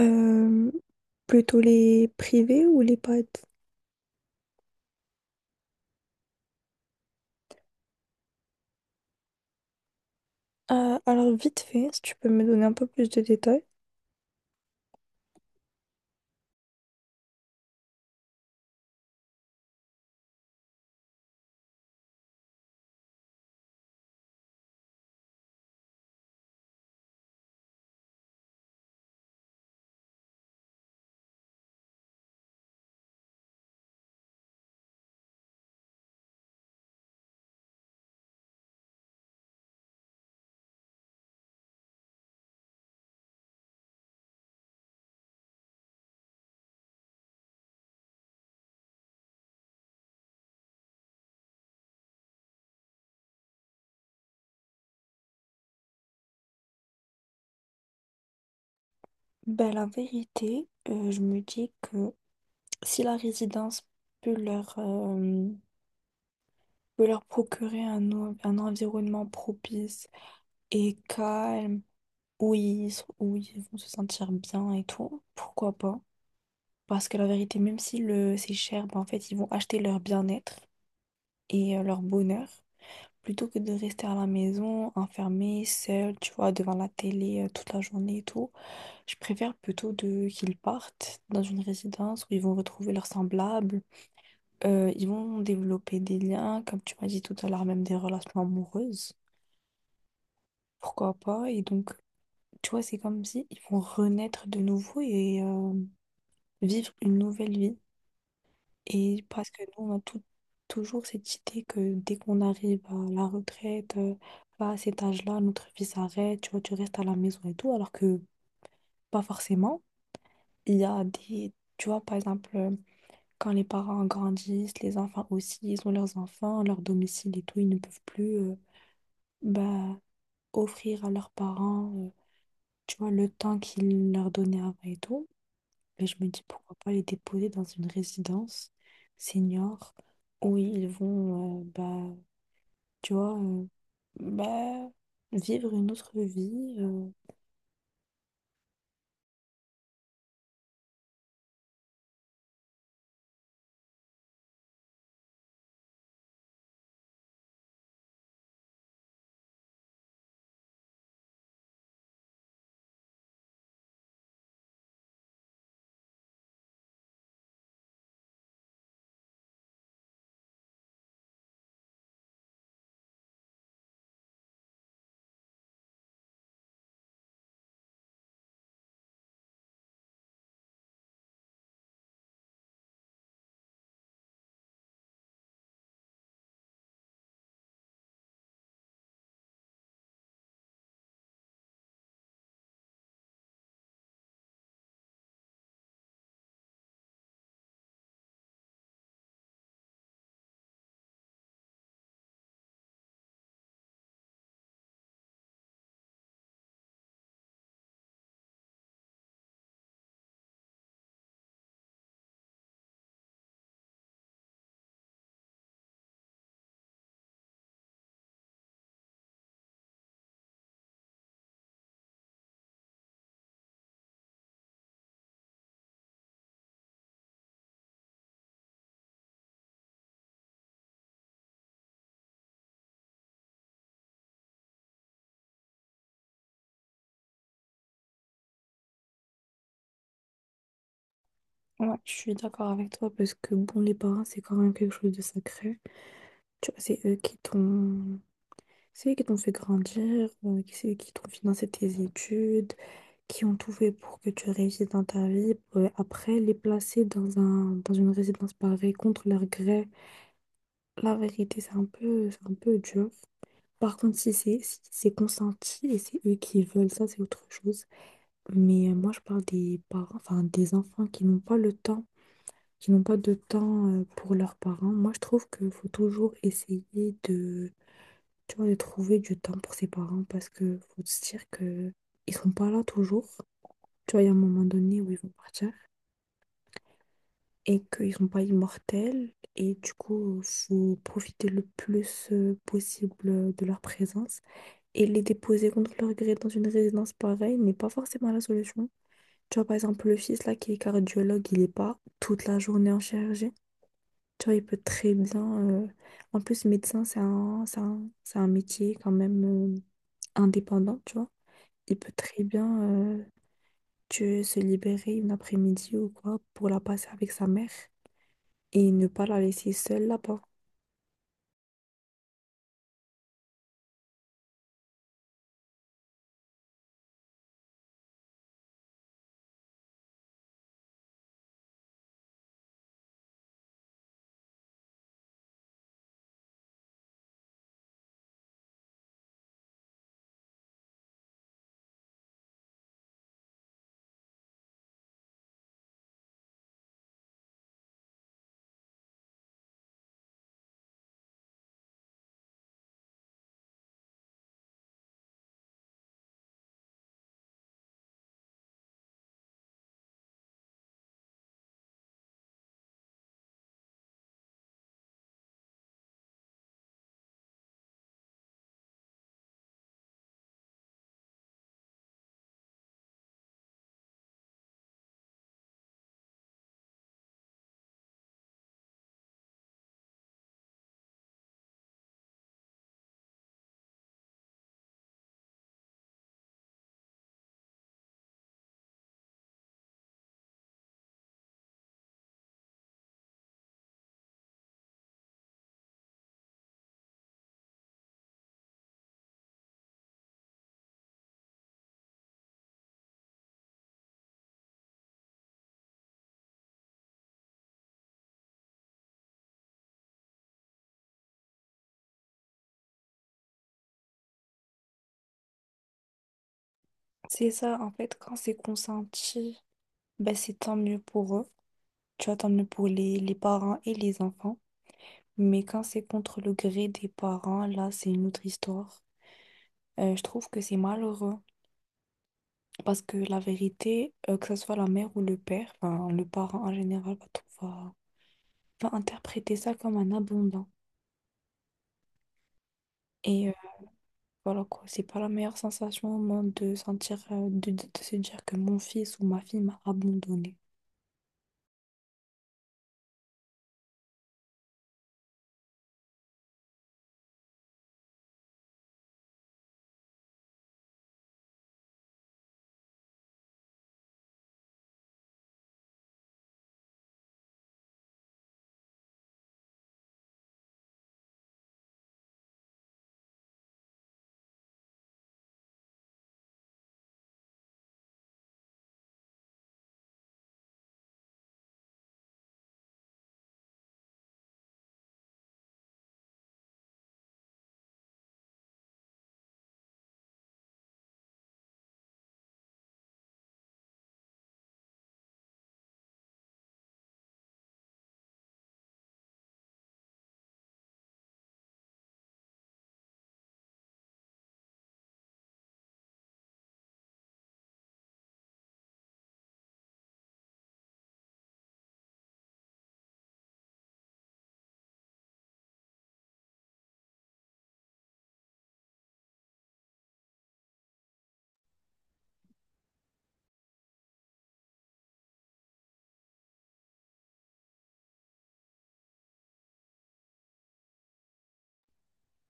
Euh, Plutôt les privés ou les pads? Alors vite fait, si tu peux me donner un peu plus de détails. Ben, la vérité, je me dis que si la résidence peut leur, euh, peut leur procurer un, un environnement propice et calme, où ils, où ils vont se sentir bien et tout, pourquoi pas? Parce que la vérité, même si le, c'est cher, ben, en fait, ils vont acheter leur bien-être et leur bonheur. Plutôt que de rester à la maison, enfermée, seule, tu vois, devant la télé toute la journée et tout, je préfère plutôt de qu'ils partent dans une résidence où ils vont retrouver leurs semblables. Ils vont développer des liens, comme tu m'as dit tout à l'heure, même des relations amoureuses. Pourquoi pas? Et donc, tu vois, c'est comme si ils vont renaître de nouveau et vivre une nouvelle vie. Et parce que nous, on a toujours cette idée que dès qu'on arrive à la retraite, bah, à cet âge-là, notre vie s'arrête, tu vois, tu restes à la maison et tout, alors que pas forcément. Il y a des, tu vois, par exemple, quand les parents grandissent, les enfants aussi, ils ont leurs enfants, leur domicile et tout, ils ne peuvent plus bah, offrir à leurs parents, tu vois, le temps qu'ils leur donnaient avant et tout. Mais je me dis pourquoi pas les déposer dans une résidence senior où ils vont, bah, tu vois, bah, vivre une autre vie. Ouais, je suis d'accord avec toi parce que, bon, les parents, c'est quand même quelque chose de sacré. Tu vois, c'est eux qui t'ont... C'est eux qui t'ont fait grandir, c'est eux qui t'ont financé tes études, qui ont tout fait pour que tu réussisses dans ta vie. Après, les placer dans un, dans une résidence pareille contre leur gré. La vérité, c'est un peu dur. Par contre, si c'est si c'est consenti et c'est eux qui veulent ça, c'est autre chose. Mais moi, je parle des parents, enfin des enfants qui n'ont pas le temps, qui n'ont pas de temps pour leurs parents. Moi, je trouve qu'il faut toujours essayer de, tu vois, de trouver du temps pour ses parents parce que faut se dire que ils sont pas là toujours. Tu vois, il y a un moment donné où ils vont partir et qu'ils sont pas immortels. Et du coup, faut profiter le plus possible de leur présence. Et les déposer contre leur gré dans une résidence pareille n'est pas forcément la solution. Tu vois, par exemple, le fils là qui est cardiologue, il n'est pas toute la journée en chirurgie. Tu vois, il peut très bien. euh, En plus, médecin, c'est un métier quand même indépendant, tu vois. Il peut très bien se libérer une après-midi ou quoi pour la passer avec sa mère et ne pas la laisser seule là-bas. C'est ça, en fait, quand c'est consenti, ben c'est tant mieux pour eux. Tu vois, tant mieux pour les parents et les enfants. Mais quand c'est contre le gré des parents, là, c'est une autre histoire. Je trouve que c'est malheureux parce que la vérité, que ce soit la mère ou le père, enfin, le parent en général va, va, va interpréter ça comme un abondant. Et voilà quoi, c'est pas la meilleure sensation au monde de sentir, de, de se dire que mon fils ou ma fille m'a abandonné.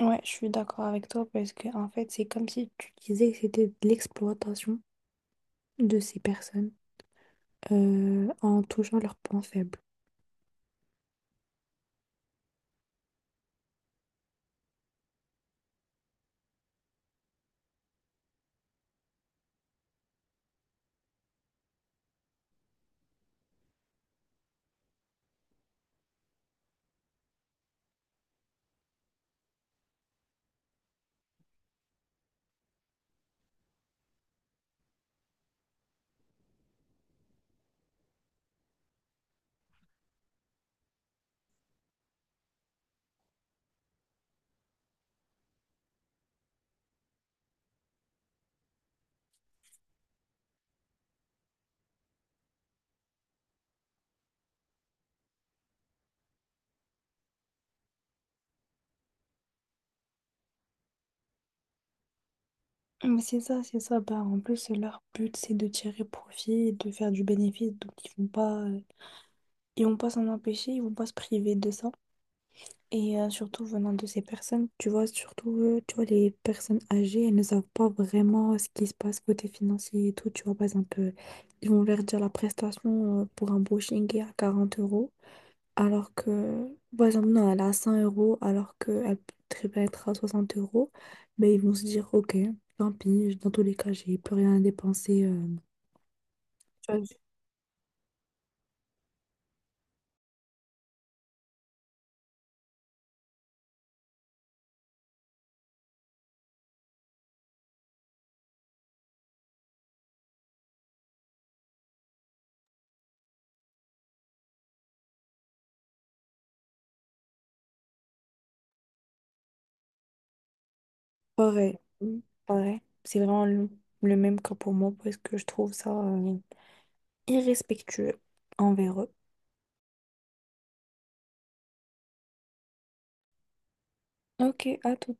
Ouais, je suis d'accord avec toi parce que en fait, c'est comme si tu disais que c'était de l'exploitation de ces personnes en touchant leurs points faibles. Mais c'est ça, c'est ça. Bah, en plus, leur but, c'est de tirer profit et de faire du bénéfice. Donc, ils vont pas s'en empêcher, ils vont pas se priver de ça. Et surtout venant de ces personnes, tu vois, surtout, tu vois, les personnes âgées, elles ne savent pas vraiment ce qui se passe côté financier et tout. Tu vois, par exemple, ils vont leur dire la prestation pour un brushing est à 40 euros. Alors que, par exemple, non, elle est à 100 euros alors qu'elle peut très bien être à 60 euros. Mais ils vont se dire, ok, tant pis, dans tous les cas, j'ai plus rien à dépenser. Tu vois, c'est Pareil, mm, pareil. C'est vraiment le même cas pour moi parce que je trouve ça irrespectueux envers eux. Ok, à tout.